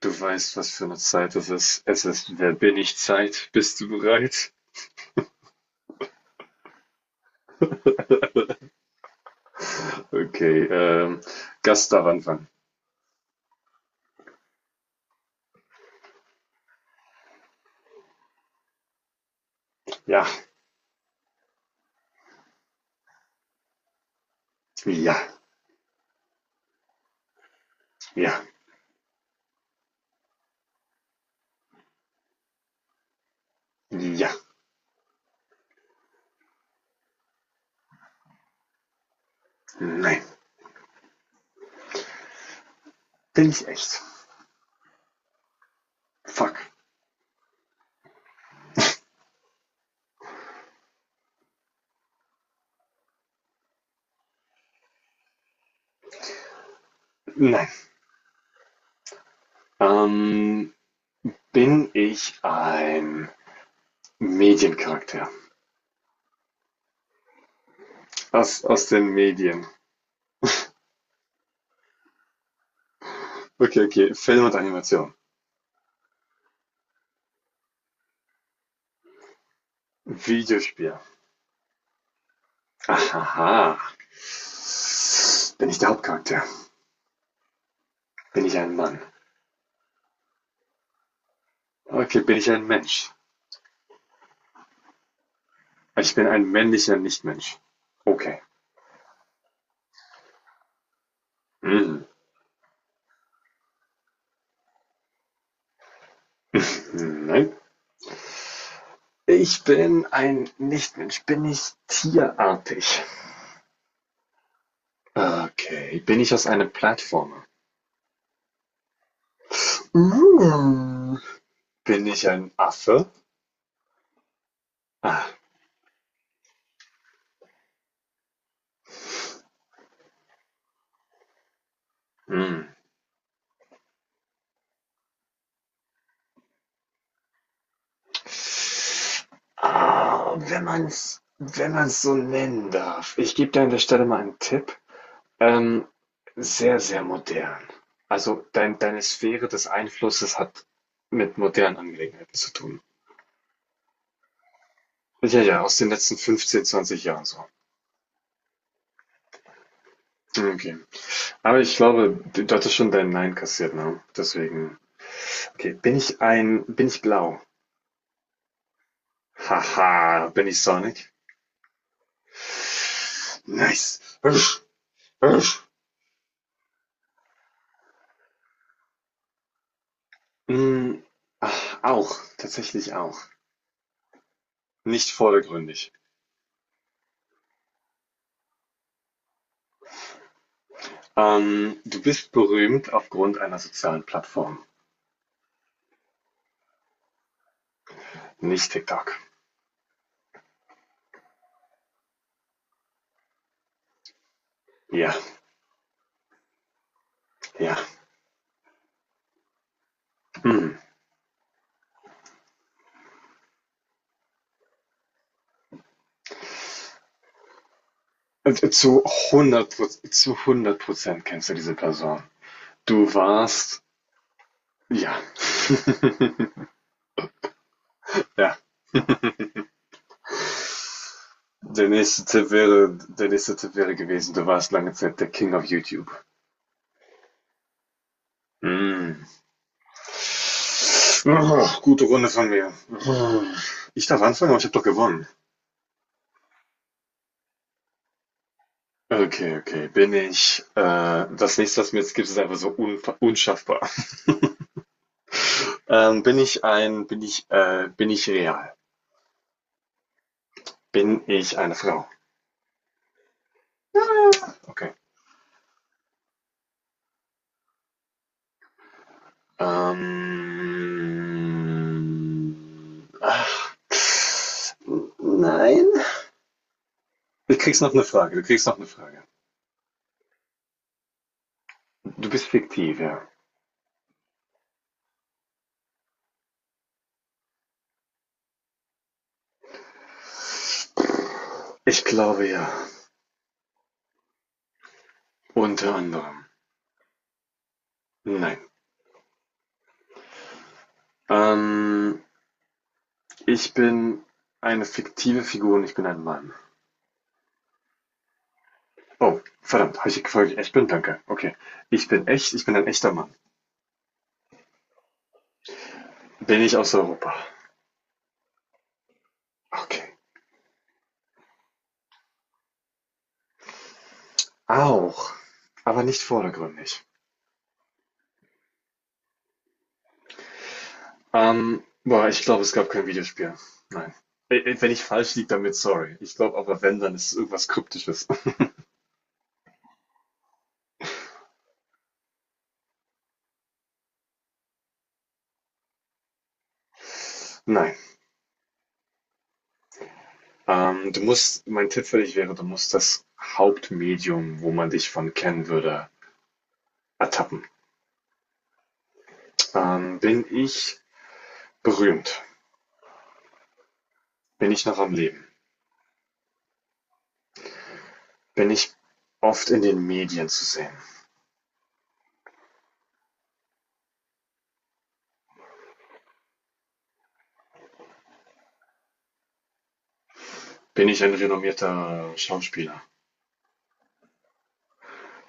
Du weißt, was für eine Zeit es ist. Es ist „Wer bin ich" Zeit. Bist du bereit? Okay, Gast darf anfangen. Ja, ja, ja, ja, nein. Bin ich echt? Fuck. Nein. Ähm, bin ich ein Mediencharakter? Aus den Medien. Okay, okay, Film und Animation. Videospiel. Aha. Bin ich der Hauptcharakter? Bin ich ein Mann? Okay, bin ich ein Mensch? Also ich bin ein männlicher Nichtmensch. Okay. Mm, nein. Ich bin ein Nichtmensch. Bin ich tierartig? Okay. Bin ich aus einer Plattformer? Mm. Bin ich ein Affe? Ah. Mm. Ah, wenn man's so nennen darf. Ich gebe dir an der Stelle mal einen Tipp. Ähm, sehr, sehr modern. Also deine Sphäre des Einflusses hat mit modernen Angelegenheiten zu tun. Ja, ja, aus den letzten 15-20 Jahren so. Okay. Aber ich glaube, du hattest schon dein Nein kassiert, ne? Deswegen. Okay, bin ich blau? Haha, bin ich Sonic? Nice. Husch, husch. Mm, ach, auch, tatsächlich auch. Nicht vordergründig. Du bist berühmt aufgrund einer sozialen Plattform. Nicht TikTok. Ja, ja. Hm. Und zu hundert Prozent kennst du diese Person. Du warst. Ja. Ja. Der nächste Tipp wäre gewesen, du warst lange Zeit der King of YouTube. Mm. Oh, gute Runde von mir. Oh. Ich darf anfangen, aber ich habe doch gewonnen. Okay, okay. Bin ich, das nächste, was mir jetzt gibt, ist einfach so unschaffbar. Bin ich real? Bin ich eine Frau? Ja. Okay. Ach, nein. Du kriegst noch eine Frage, du kriegst noch eine Frage. Du bist fiktiv, ja. Ich glaube ja. Unter anderem. Nein. Ähm, ich bin eine fiktive Figur und ich bin ein Mann. Oh, verdammt, habe ich gefragt, ich echt bin? Danke. Okay. Ich bin echt, ich bin ein echter Mann. Bin ich aus Europa? Okay. Auch. Aber nicht vordergründig. Boah, ich glaube, es gab kein Videospiel. Nein. Wenn ich falsch liege, damit sorry. Ich glaube aber, wenn, dann ist es irgendwas Kryptisches. Nein. Du musst, mein Tipp für dich wäre, du musst das Hauptmedium, wo man dich von kennen würde, ertappen. Bin ich berühmt? Bin ich noch am Leben? Bin ich oft in den Medien zu sehen? Bin ich ein renommierter Schauspieler?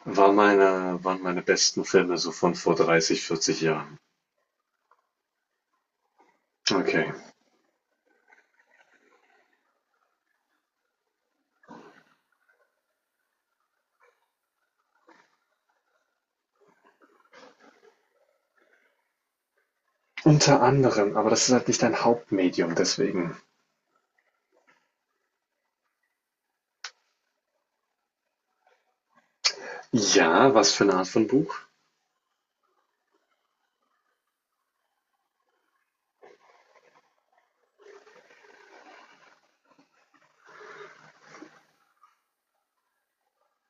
Waren meine besten Filme so von vor 30, 40 Jahren? Okay. Unter anderem, aber das ist halt nicht dein Hauptmedium, deswegen. Ja, was für eine Art von Buch?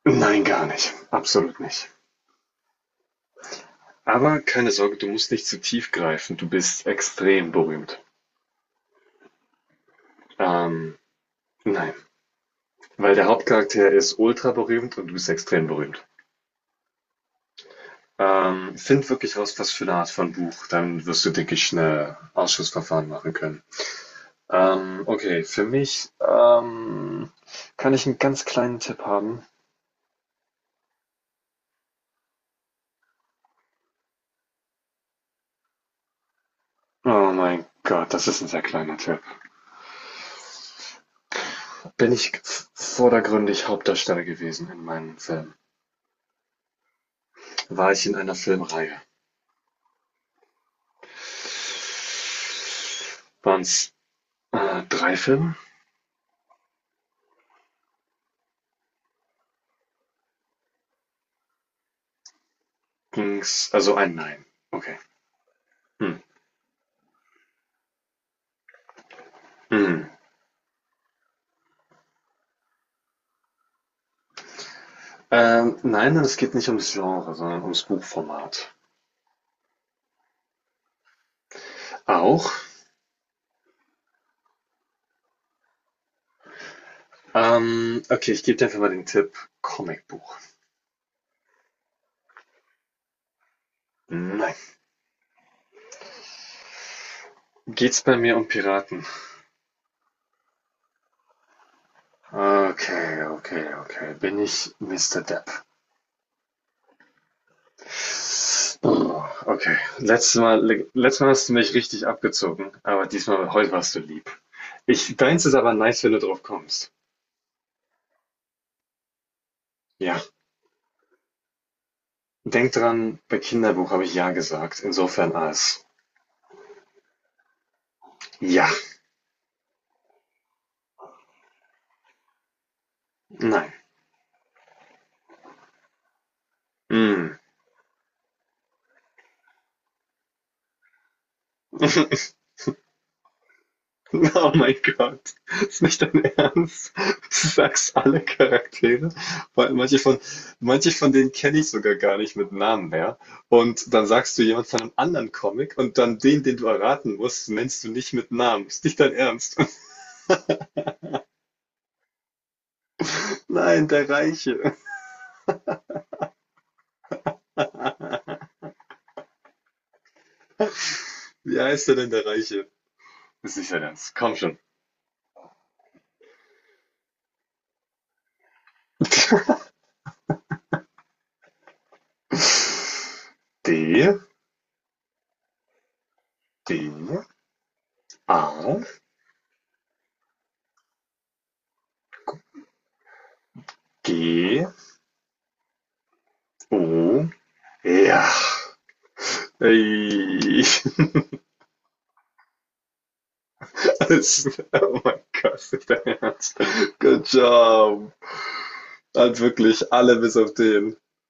Nein, gar nicht. Absolut nicht. Aber keine Sorge, du musst nicht zu tief greifen. Du bist extrem berühmt. Ähm, nein, weil der Hauptcharakter ist ultra berühmt und du bist extrem berühmt. Find wirklich raus, was für eine Art von Buch. Dann wirst du, denke ich, schnell Ausschussverfahren machen können. Okay, für mich kann ich einen ganz kleinen Tipp haben. Oh mein Gott, das ist ein sehr kleiner Tipp. Bin ich vordergründig Hauptdarsteller gewesen in meinem Film? War ich in einer Filmreihe? Waren's, 3 Filme? Ging's also ein nein, okay. Mhm. Mhm. Nein, es geht nicht ums Genre, sondern ums Buchformat. Auch? Okay, ich gebe dir einfach mal den Tipp Comicbuch. Nein. Geht's bei mir um Piraten? Okay, okay, okay. Bin ich Mr. Depp? Oh, okay. Letztes Mal hast du mich richtig abgezogen, aber diesmal, heute warst du lieb. Deins ist aber nice, wenn du drauf kommst. Ja, denk dran, bei Kinderbuch habe ich ja gesagt. Insofern als ja, nein, mm. Oh mein Gott, ist nicht dein Ernst? Du sagst alle Charaktere, weil manche von denen kenne ich sogar gar nicht mit Namen mehr. Und dann sagst du jemand von einem anderen Comic und dann den, den du erraten musst, nennst du nicht mit Namen. Ist nicht dein Ernst? Nein, der Reiche. Wie heißt er denn der Reiche? Ist nicht dein Ernst. Komm schon. D, D, A, G, O, ja. Ey, oh mein Gott, nicht dein Ernst. Good job. Hat wirklich alle bis auf den.